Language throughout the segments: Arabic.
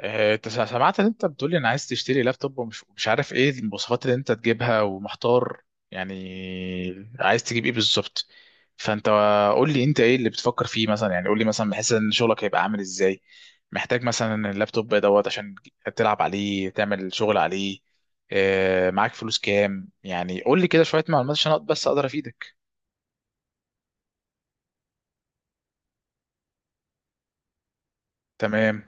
انت سمعت ان انت بتقولي انا عايز تشتري لابتوب ومش مش عارف ايه المواصفات اللي انت تجيبها ومحتار، يعني عايز تجيب ايه بالظبط؟ فانت قول لي انت ايه اللي بتفكر فيه مثلا، يعني قول لي مثلا بحيث ان شغلك هيبقى عامل ازاي، محتاج مثلا اللابتوب دوت عشان تلعب عليه، تعمل شغل عليه. معاك فلوس كام؟ يعني قول لي كده شوية معلومات عشان بس اقدر افيدك. تمام،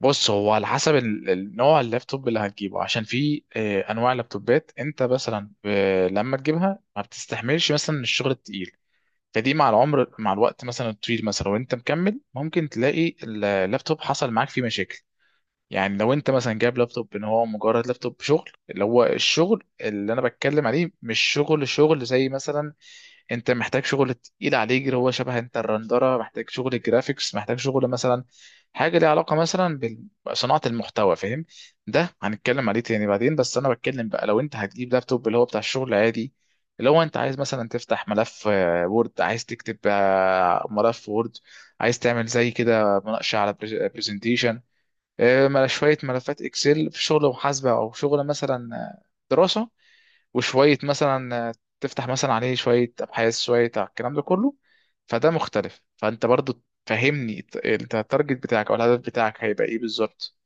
بص هو على حسب النوع اللابتوب اللي هتجيبه، عشان في انواع لابتوبات انت مثلا لما تجيبها ما بتستحملش مثلا الشغل التقيل، فدي مع العمر مع الوقت مثلا الطويل، مثلا وانت مكمل ممكن تلاقي اللابتوب حصل معاك فيه مشاكل. يعني لو انت مثلا جايب لابتوب ان هو مجرد لابتوب شغل، اللي هو الشغل اللي انا بتكلم عليه مش شغل شغل زي مثلا انت محتاج شغل تقيل عليه، اللي هو شبه انت الرندره، محتاج شغل جرافيكس، محتاج شغل مثلا حاجه ليها علاقه مثلا بصناعه المحتوى، فاهم؟ ده هنتكلم عليه تاني بعدين، بس انا بتكلم بقى لو انت هتجيب لابتوب اللي هو بتاع الشغل العادي، اللي هو انت عايز مثلا تفتح ملف وورد، عايز تكتب ملف وورد، عايز تعمل زي كده مناقشه على برزنتيشن، شويه ملفات اكسل في شغل محاسبه، او شغل مثلا دراسه، وشوية مثلا تفتح مثلا عليه شوية أبحاث شوية على الكلام ده كله. فده مختلف، فأنت برضو فهمني، أنت التارجت بتاعك أو الهدف بتاعك هيبقى إيه بالظبط؟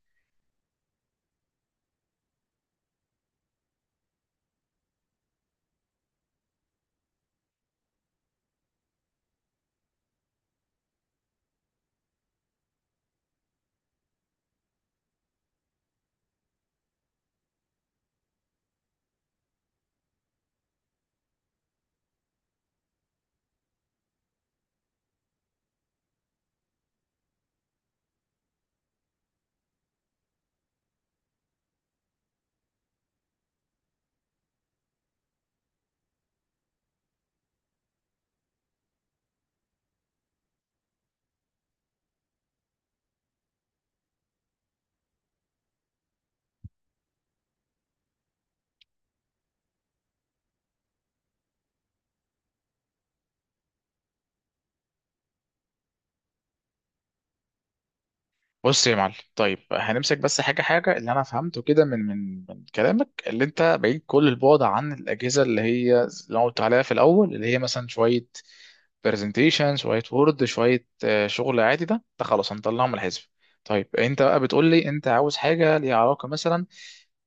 بص يا معلم، طيب هنمسك بس حاجة حاجة، اللي أنا فهمته كده من كلامك اللي أنت بعيد كل البعد عن الأجهزة اللي هي اللي أنا قلت عليها في الأول، اللي هي مثلا شوية برزنتيشن، شوية وورد، شوية شغل عادي، ده ده خلاص هنطلعه من الحزب. طيب أنت بقى بتقول لي أنت عاوز حاجة ليها علاقة مثلا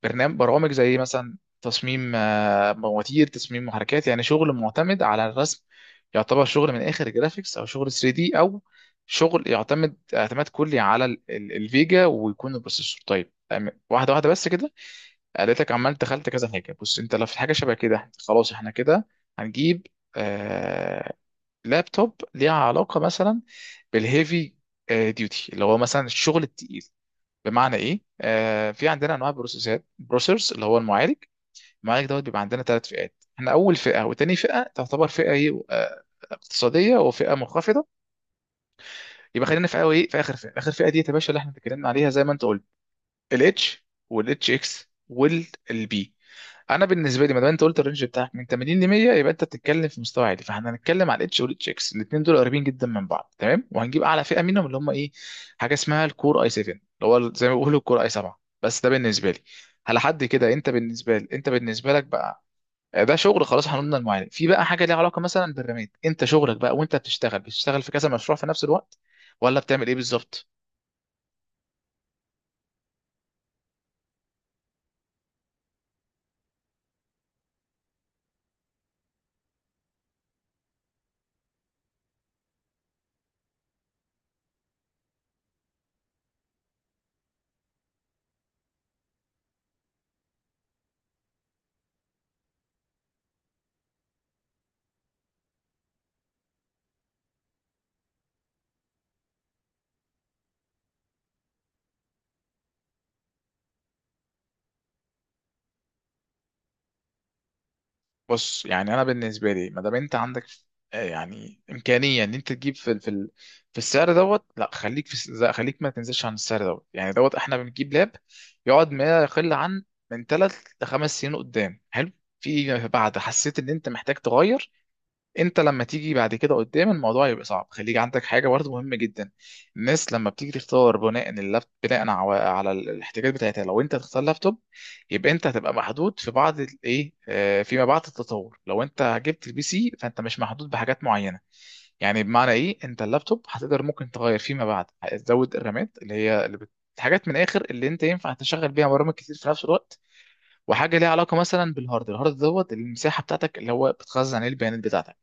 برنامج برامج زي مثلا تصميم مواتير، تصميم محركات، يعني شغل معتمد على الرسم، يعتبر شغل من اخر جرافيكس او شغل 3 دي، او شغل يعتمد اعتماد كلي على الفيجا، ويكون البروسيسور طيب. واحده واحده بس كده، لقيتك عمال دخلت كذا حاجه. بص انت لو في حاجه شبه كده، خلاص احنا كده هنجيب آه لابتوب ليها علاقه مثلا بالهيفي ديوتي، اللي هو مثلا الشغل التقيل. بمعنى ايه؟ آه، في عندنا انواع بروسيسورز، اللي هو المعالج. المعالج دوت بيبقى عندنا ثلاث فئات، احنا اول فئه وتاني فئه تعتبر فئه ايه؟ اقتصاديه وفئه منخفضه. يبقى خلينا في ايه، في اخر فئه. اخر فئه دي يا باشا اللي احنا اتكلمنا عليها، زي ما انت قلت، الاتش والاتش اكس والبي. انا بالنسبه لي، ما دام انت قلت الرينج بتاعك من 80 ل 100، يبقى انت بتتكلم في مستوى عالي، فاحنا هنتكلم على الاتش والاتش اكس، الاثنين دول قريبين جدا من بعض، تمام، وهنجيب اعلى فئه منهم اللي هم ايه، حاجه اسمها الكور اي 7، اللي هو زي ما بيقولوا الكور اي 7. بس ده بالنسبه لي على حد كده، انت بالنسبه لي، انت بالنسبه لك بقى ده شغل خلاص. هنقولنا المعالج. في بقى حاجه ليها علاقه مثلا بالرامات، انت شغلك بقى وانت بتشتغل، بتشتغل في كذا مشروع في نفس الوقت، ولا بتعمل ايه بالظبط؟ بص يعني انا بالنسبه لي، ما دام انت عندك يعني امكانيه ان انت تجيب في في السعر دوت، لا خليك ما تنزلش عن السعر دوت، يعني دوت احنا بنجيب لاب يقعد ما يقل عن من ثلاث لخمس سنين قدام، حلو، في بعد حسيت ان انت محتاج تغير. انت لما تيجي بعد كده قدام الموضوع يبقى صعب، خليك عندك حاجه برضه مهمه جدا. الناس لما بتيجي تختار بناء اللاب، بناء على الاحتياجات بتاعتها، لو انت هتختار لابتوب يبقى انت هتبقى محدود في بعض الايه، فيما بعد التطور. لو انت جبت البي سي فانت مش محدود بحاجات معينه. يعني بمعنى ايه، انت اللابتوب هتقدر ممكن تغير فيما بعد، هتزود الرامات اللي هي اللي حاجات من الاخر اللي انت ينفع تشغل بيها برامج كتير في نفس الوقت، وحاجه ليها علاقه مثلا بالهارد. الهارد دوت المساحه بتاعتك، اللي هو بتخزن عليه البيانات بتاعتك.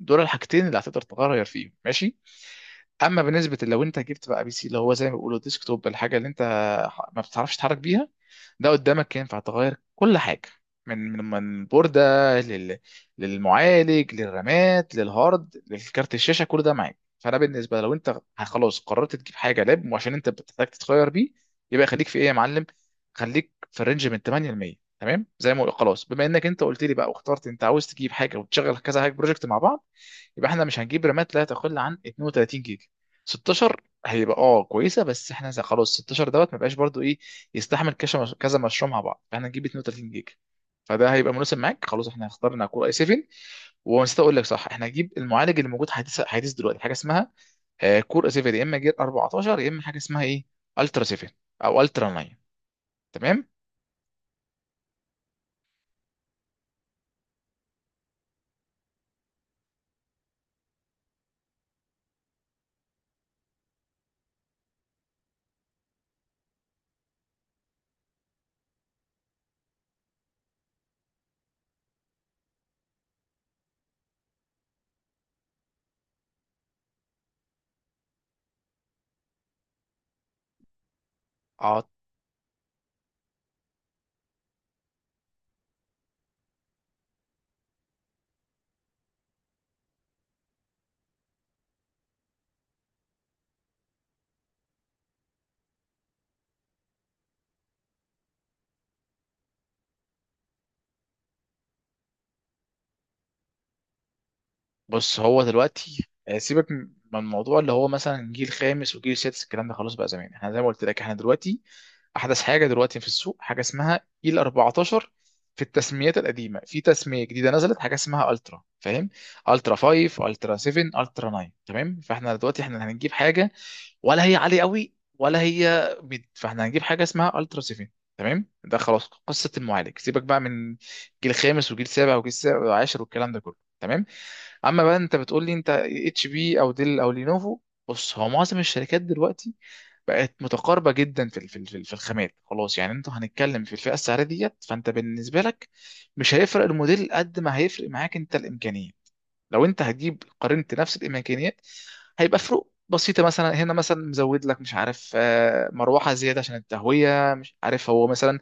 دول الحاجتين اللي هتقدر تغير فيهم، ماشي. اما بالنسبه لو انت جبت بقى بي سي، اللي هو زي ما بيقولوا ديسك توب، الحاجه اللي انت ما بتعرفش تتحرك بيها، ده قدامك ينفع تغير كل حاجه، من بورده، لل... للمعالج، للرامات، للهارد، للكارت الشاشه، كل ده معاك. فانا بالنسبه لو انت خلاص قررت تجيب حاجه لاب وعشان انت بتحتاج تتغير بيه، يبقى خليك في ايه يا معلم، خليك في الرينج من 8 ل 100، تمام زي ما خلاص، بما انك انت قلت لي بقى واخترت انت عاوز تجيب حاجه وتشغل كذا حاجه بروجكت مع بعض، يبقى احنا مش هنجيب رامات لا تقل عن 32 جيجا. 16 هيبقى اه كويسه، بس احنا خلاص، 16 دوت ما بقاش برضو ايه يستحمل كذا كذا مشروع مع بعض، فاحنا نجيب 32 جيجا، فده هيبقى مناسب معاك. خلاص احنا اخترنا كور اي 7. ونسيت اقول لك، صح، احنا هنجيب المعالج اللي موجود حديث حديث دلوقتي، حاجه اسمها كور اي 7 يا اما جيل 14، يا اما حاجه اسمها ايه، الترا 7 او الترا 9. تمام. بص هو دلوقتي سيبك من الموضوع اللي هو مثلا جيل خامس وجيل سادس، الكلام ده خلاص بقى زمان. احنا زي ما قلت لك، احنا دلوقتي احدث حاجه دلوقتي في السوق حاجه اسمها جيل 14. في التسميات القديمه، في تسميه جديده نزلت حاجه اسمها الترا، فاهم، الترا 5 الترا 7 الترا 9، تمام. فاحنا دلوقتي احنا هنجيب حاجه ولا هي عالية قوي ولا هي ميد، فاحنا هنجيب حاجة اسمها الترا سيفين، تمام. ده خلاص قصة المعالج، سيبك بقى من جيل خامس وجيل سابع وجيل سابع وعاشر والكلام ده كله، تمام. اما بقى انت بتقول لي انت اتش بي او ديل او لينوفو، بص هو معظم الشركات دلوقتي بقت متقاربه جدا في ال- في ال- في ال- في الخامات، خلاص، يعني انتوا هنتكلم في الفئه السعريه ديت، فانت بالنسبه لك مش هيفرق الموديل قد ما هيفرق معاك انت الامكانيه. لو انت هتجيب قارنت نفس الامكانيات، هيبقى فروق بسيطه، مثلا هنا مثلا مزود لك مش عارف مروحه زياده عشان التهويه، مش عارف هو مثلا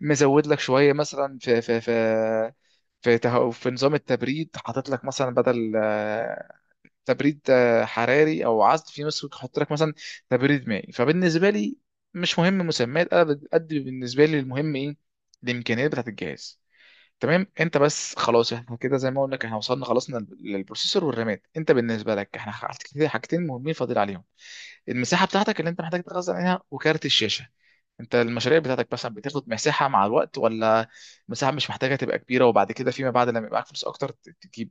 مزود لك شويه مثلا في في نظام التبريد، حاطط لك مثلا بدل تبريد حراري او عزل، في ناس حاطط لك مثلا تبريد مائي. فبالنسبه لي مش مهم مسميات، انا قد بالنسبه لي المهم ايه، الامكانيات بتاعت الجهاز، تمام؟ انت بس خلاص احنا كده زي ما قلنا، احنا وصلنا خلصنا للبروسيسور والرامات، انت بالنسبه لك احنا كده حاجتين مهمين فاضل عليهم، المساحه بتاعتك اللي انت محتاج تخزن عليها وكارت الشاشه. انت المشاريع بتاعتك مثلا بتاخد مساحه مع الوقت، ولا المساحه مش محتاجه تبقى كبيره وبعد كده فيما بعد لما يبقى معاك فلوس اكتر تجيب؟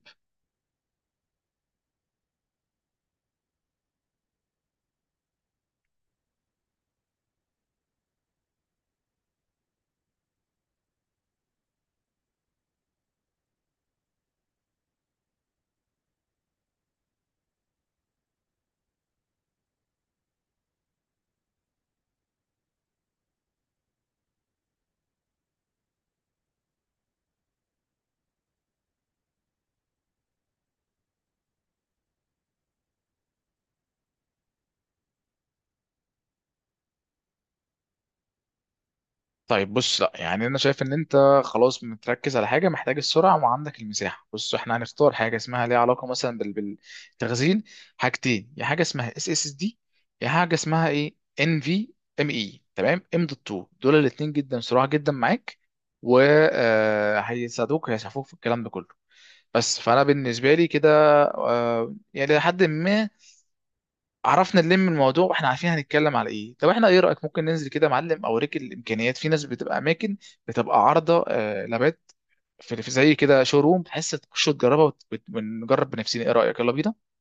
طيب بص، لا يعني انا شايف ان انت خلاص متركز على حاجه، محتاج السرعه وعندك المساحه. بص احنا هنختار حاجه اسمها ليها علاقه مثلا بالتخزين، حاجتين، يا حاجه اسمها اس اس اس دي، يا حاجه اسمها ايه ان في ام اي، تمام، ام دوت 2، دول الاثنين جدا سرعه جدا معاك، وهيساعدوك هيسعفوك في الكلام ده كله. بس فانا بالنسبه لي كده يعني لحد ما عرفنا نلم الموضوع واحنا عارفين هنتكلم على ايه. طب احنا ايه رايك، ممكن ننزل كده يا معلم اوريك الامكانيات، في ناس بتبقى اماكن بتبقى عارضه لابات، في زي كده شو روم، بحيث تخش تجربها ونجرب بنفسنا، ايه رايك، يلا بينا.